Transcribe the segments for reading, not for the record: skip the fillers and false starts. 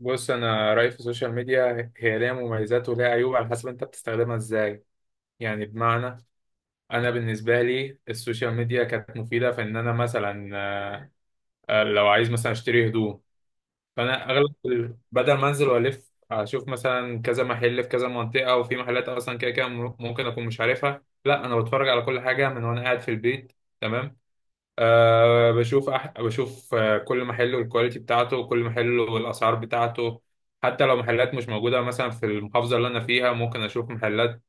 بص، انا رايي في السوشيال ميديا هي ليها مميزات وليها عيوب على حسب انت بتستخدمها ازاي. يعني بمعنى انا بالنسبه لي السوشيال ميديا كانت مفيده في ان انا مثلا، لو عايز مثلا اشتري هدوم، فانا اغلب بدل ما انزل والف اشوف مثلا كذا محل في كذا منطقه، وفي محلات اصلا كده كده ممكن اكون مش عارفها، لا انا بتفرج على كل حاجه من وانا قاعد في البيت. تمام. بشوف كل محل والكواليتي بتاعته، وكل محل والأسعار بتاعته. حتى لو محلات مش موجودة مثلا في المحافظة اللي أنا فيها، ممكن أشوف محلات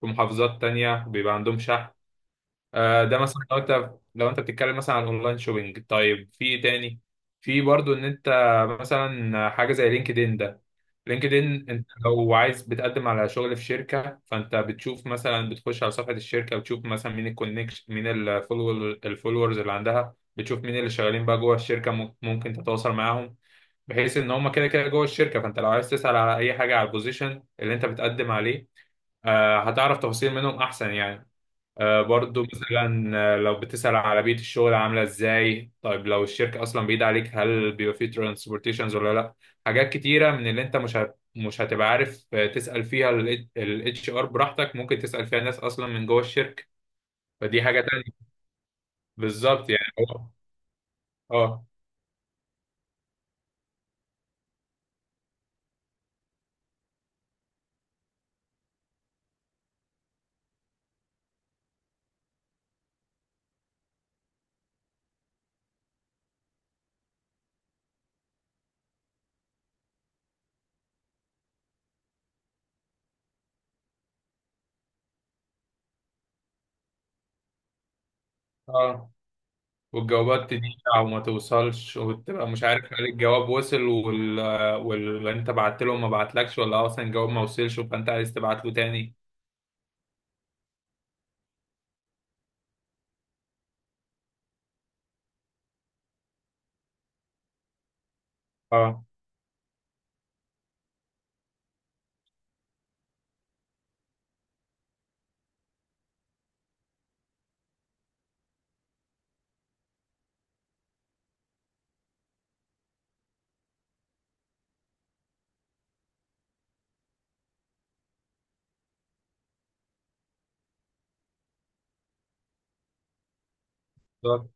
في محافظات تانية بيبقى عندهم شحن. ده مثلا لو انت بتتكلم مثلا عن اونلاين شوبينج. طيب في ايه تاني؟ في برضو ان انت مثلا حاجه زي لينكد ان ده. لينكد ان، انت لو عايز بتقدم على شغل في شركه، فانت بتشوف مثلا، بتخش على صفحه الشركه وتشوف مثلا مين الكونكشن، مين الفولور الفولورز اللي عندها، بتشوف مين اللي شغالين بقى جوه الشركه، ممكن تتواصل معاهم، بحيث ان هم كده كده جوه الشركه. فانت لو عايز تسال على اي حاجه على البوزيشن اللي انت بتقدم عليه، هتعرف تفاصيل منهم احسن يعني. برضو مثلا، لو بتسأل على بيئة الشغل عاملة ازاي، طيب لو الشركة اصلا بعيدة عليك، هل بيبقى فيه ترانسبورتيشنز ولا لا. حاجات كتيرة من اللي انت مش هتبقى عارف تسأل فيها، الاتش ار براحتك ممكن تسأل فيها ناس اصلا من جوه الشركة. فدي حاجة تانية. بالظبط، يعني اه. اه. والجوابات تضيع وما توصلش، وتبقى مش عارف هل الجواب وصل واللي انت بعت له ما بعتلكش، ولا اصلا الجواب ما وصلش فانت عايز تبعت له تاني. اه، بالظبط.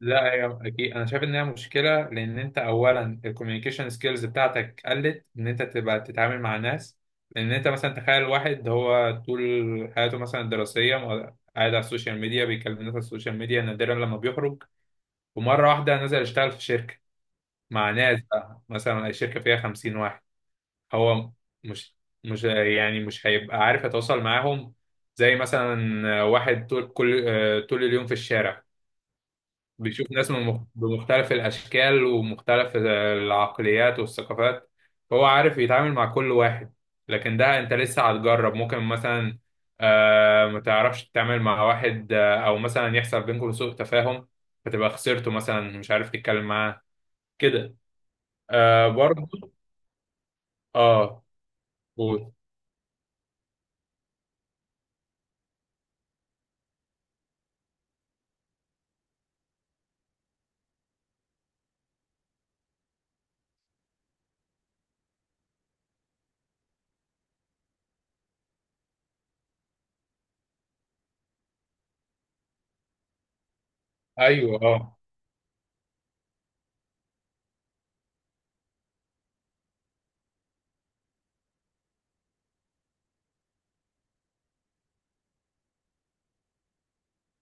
لا، هي اكيد انا شايف ان هي مشكله، لان انت اولا الكوميونيكيشن سكيلز بتاعتك قلت، ان انت تبقى تتعامل مع ناس. لان انت مثلا تخيل واحد هو طول حياته مثلا الدراسيه قاعد على السوشيال ميديا بيكلم الناس على السوشيال ميديا، نادرا لما بيخرج، ومره واحده نزل يشتغل في شركه مع ناس، بقى مثلا الشركه فيها 50 واحد. هو مش مش يعني مش هيبقى عارف يتواصل معاهم. زي مثلا واحد طول كل آه، طول اليوم في الشارع بيشوف ناس بمختلف الأشكال ومختلف العقليات والثقافات، فهو عارف يتعامل مع كل واحد. لكن ده أنت لسه هتجرب، ممكن مثلا ما تعرفش تتعامل مع واحد، أو مثلا يحصل بينكم سوء تفاهم فتبقى خسرته مثلا، مش عارف تتكلم معاه كده. برضه. اه. قول. ايوه. اه.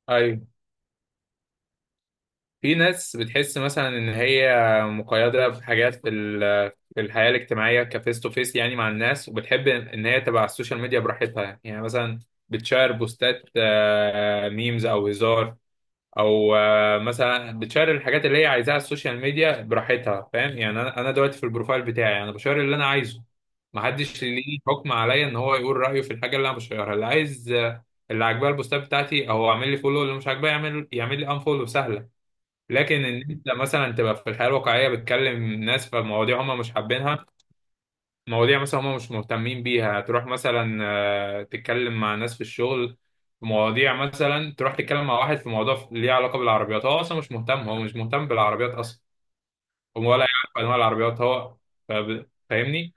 ايوه، في ناس بتحس مثلا ان هي مقيده في حاجات في في الحياه الاجتماعيه كفيس تو فيس، يعني مع الناس، وبتحب ان هي تبقى على السوشيال ميديا براحتها. يعني مثلا بتشير بوستات، ميمز او هزار، او مثلا بتشير الحاجات اللي هي عايزاها على السوشيال ميديا براحتها. فاهم يعني؟ انا دلوقتي في البروفايل بتاعي انا بشير اللي انا عايزه، محدش ليه حكم عليا ان هو يقول رايه في الحاجه اللي انا بشيرها، اللي عايز اللي عاجباه البوستات بتاعتي او عامل لي فولو، اللي مش عاجباه يعمل لي انفولو سهله. لكن ان انت مثلا تبقى في الحياه الواقعيه بتكلم ناس في مواضيع هم مش حابينها، مواضيع مثلا هم مش مهتمين بيها، تروح مثلا تتكلم مع ناس في الشغل في مواضيع، مثلا تروح تتكلم مع واحد في موضوع ليه علاقه بالعربيات، هو اصلا مش مهتم، هو مش مهتم بالعربيات اصلا، هو ولا يعرف انواع العربيات هو. فاهمني؟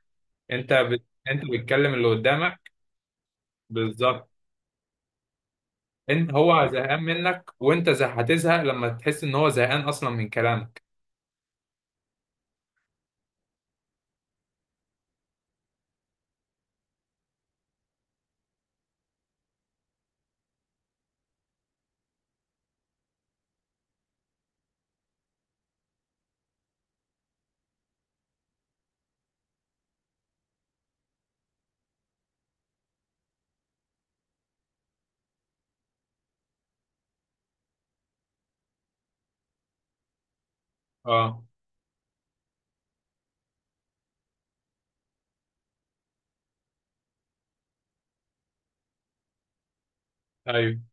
انت بت... انت بتكلم اللي قدامك. بالظبط. انت هو زهقان منك، وانت هتزهق لما تحس ان هو زهقان اصلا من كلامك. اه. ايوه.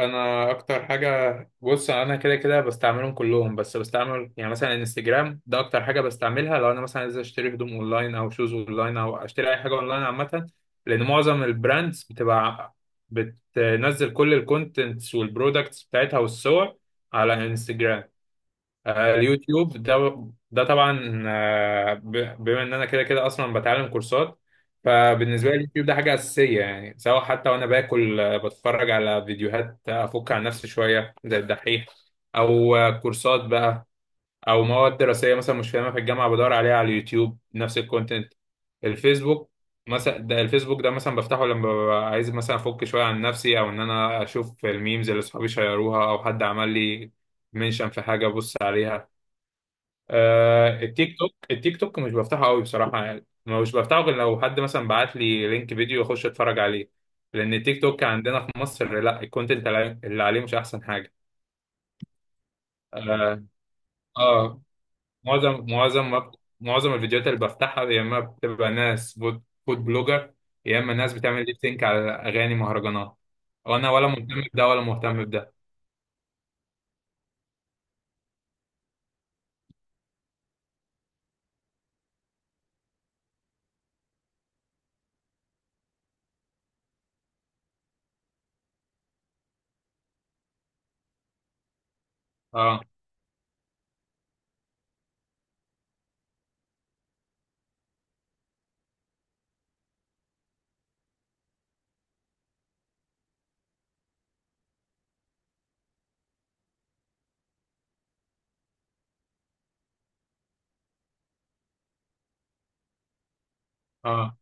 انا اكتر حاجه، بص انا كده كده بستعملهم كلهم، بس بستعمل يعني مثلا انستجرام، ده اكتر حاجه بستعملها لو انا مثلا عايز اشتري هدوم اونلاين، او شوز اونلاين، او اشتري اي حاجه اونلاين عامه، لان معظم البراندز بتبقى بتنزل كل الكونتنتس والبرودكتس بتاعتها والصور على انستجرام. اليوتيوب ده طبعا، بما ان انا كده كده اصلا بتعلم كورسات، فبالنسبه لي اليوتيوب ده حاجه اساسيه، يعني سواء حتى وانا باكل بتفرج على فيديوهات افك عن نفسي شويه زي الدحيح، او كورسات بقى، او مواد دراسيه مثلا مش فاهمها في الجامعه بدور عليها على اليوتيوب نفس الكونتنت. الفيسبوك الفيسبوك ده مثلا بفتحه لما ببقى عايز مثلا افك شويه عن نفسي، او ان انا اشوف الميمز اللي صحابي شيروها، او حد عمل لي منشن في حاجه ابص عليها. التيك توك مش بفتحه قوي بصراحة، يعني مش بفتحه غير لو حد مثلا بعت لي لينك فيديو، اخش اتفرج عليه، لان التيك توك عندنا في مصر لا، الكونتنت اللي عليه مش احسن حاجة. اه. آه معظم معظم ما- معظم الفيديوهات اللي بفتحها، يا اما بتبقى ناس فود فود بلوجر، يا اما ناس بتعمل ليب سينك على اغاني مهرجانات، وانا ولا مهتم بده ولا مهتم بده. اه. اه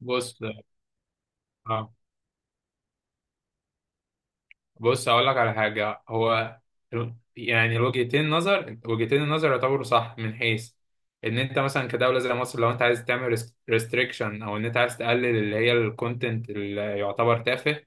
بص اه بص هقول لك على حاجة. هو يعني الوجهتين نظر وجهتين النظر يعتبروا صح، من حيث ان انت مثلا كدولة زي مصر، لو انت عايز تعمل ريستريكشن، او ان انت عايز تقلل اللي هي الكونتنت اللي يعتبر تافه،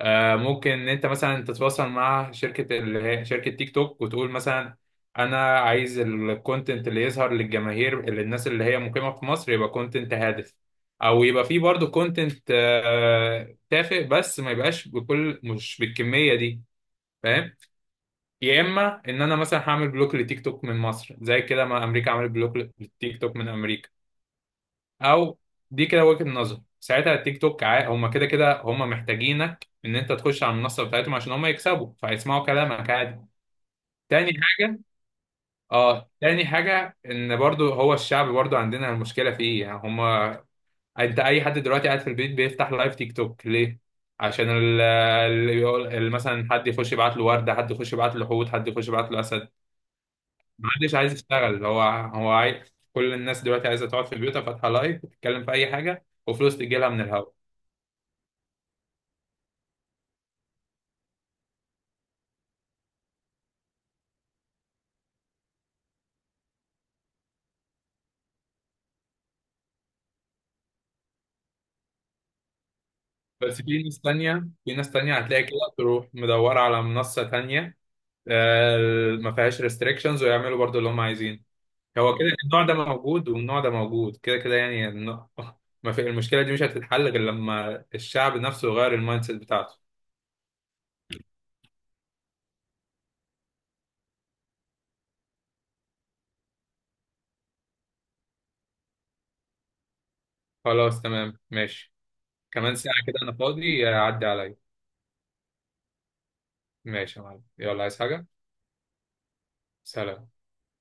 ممكن ان انت مثلا تتواصل مع شركة اللي هي شركة تيك توك، وتقول مثلا، انا عايز الكونتنت اللي يظهر للجماهير اللي الناس اللي هي مقيمة في مصر يبقى كونتنت هادف، او يبقى فيه برضه كونتنت تافه، بس ما يبقاش مش بالكمية دي. فاهم؟ يا اما ان انا مثلا هعمل بلوك لتيك توك من مصر، زي كده ما امريكا عملت بلوك للتيك توك من امريكا. او دي كده وجهة نظر، ساعتها التيك توك هما كده كده هما محتاجينك ان انت تخش على المنصه بتاعتهم عشان هما يكسبوا، فهيسمعوا كلامك عادي. تاني حاجه. اه، تاني حاجه ان برضو هو الشعب برضو عندنا المشكله في ايه يعني. هما انت اي حد دلوقتي قاعد في البيت بيفتح لايف تيك توك ليه؟ عشان مثلا حد يخش يبعت له ورده، حد يخش يبعت له حوت، حد يخش يبعت له اسد. محدش عايز يشتغل، هو عايز، كل الناس دلوقتي عايزه تقعد في بيوتها فاتحه لايف وتتكلم في اي حاجه، وفلوس تجي لها من الهوا. بس في ناس تانية، في ناس تانية هتلاقي كده تروح مدورة على منصة تانية آه، ما فيهاش ريستريكشنز، ويعملوا برضو اللي هم عايزين. هو كده، النوع ده موجود والنوع ده موجود كده كده يعني ما في، المشكلة دي مش هتتحل غير لما الشعب نفسه يغير المايند سيت بتاعته. خلاص، تمام، ماشي. كمان ساعة كده أنا فاضي، عدي عليا. ماشي يا معلم، يلا، عايز حاجة؟ سلام.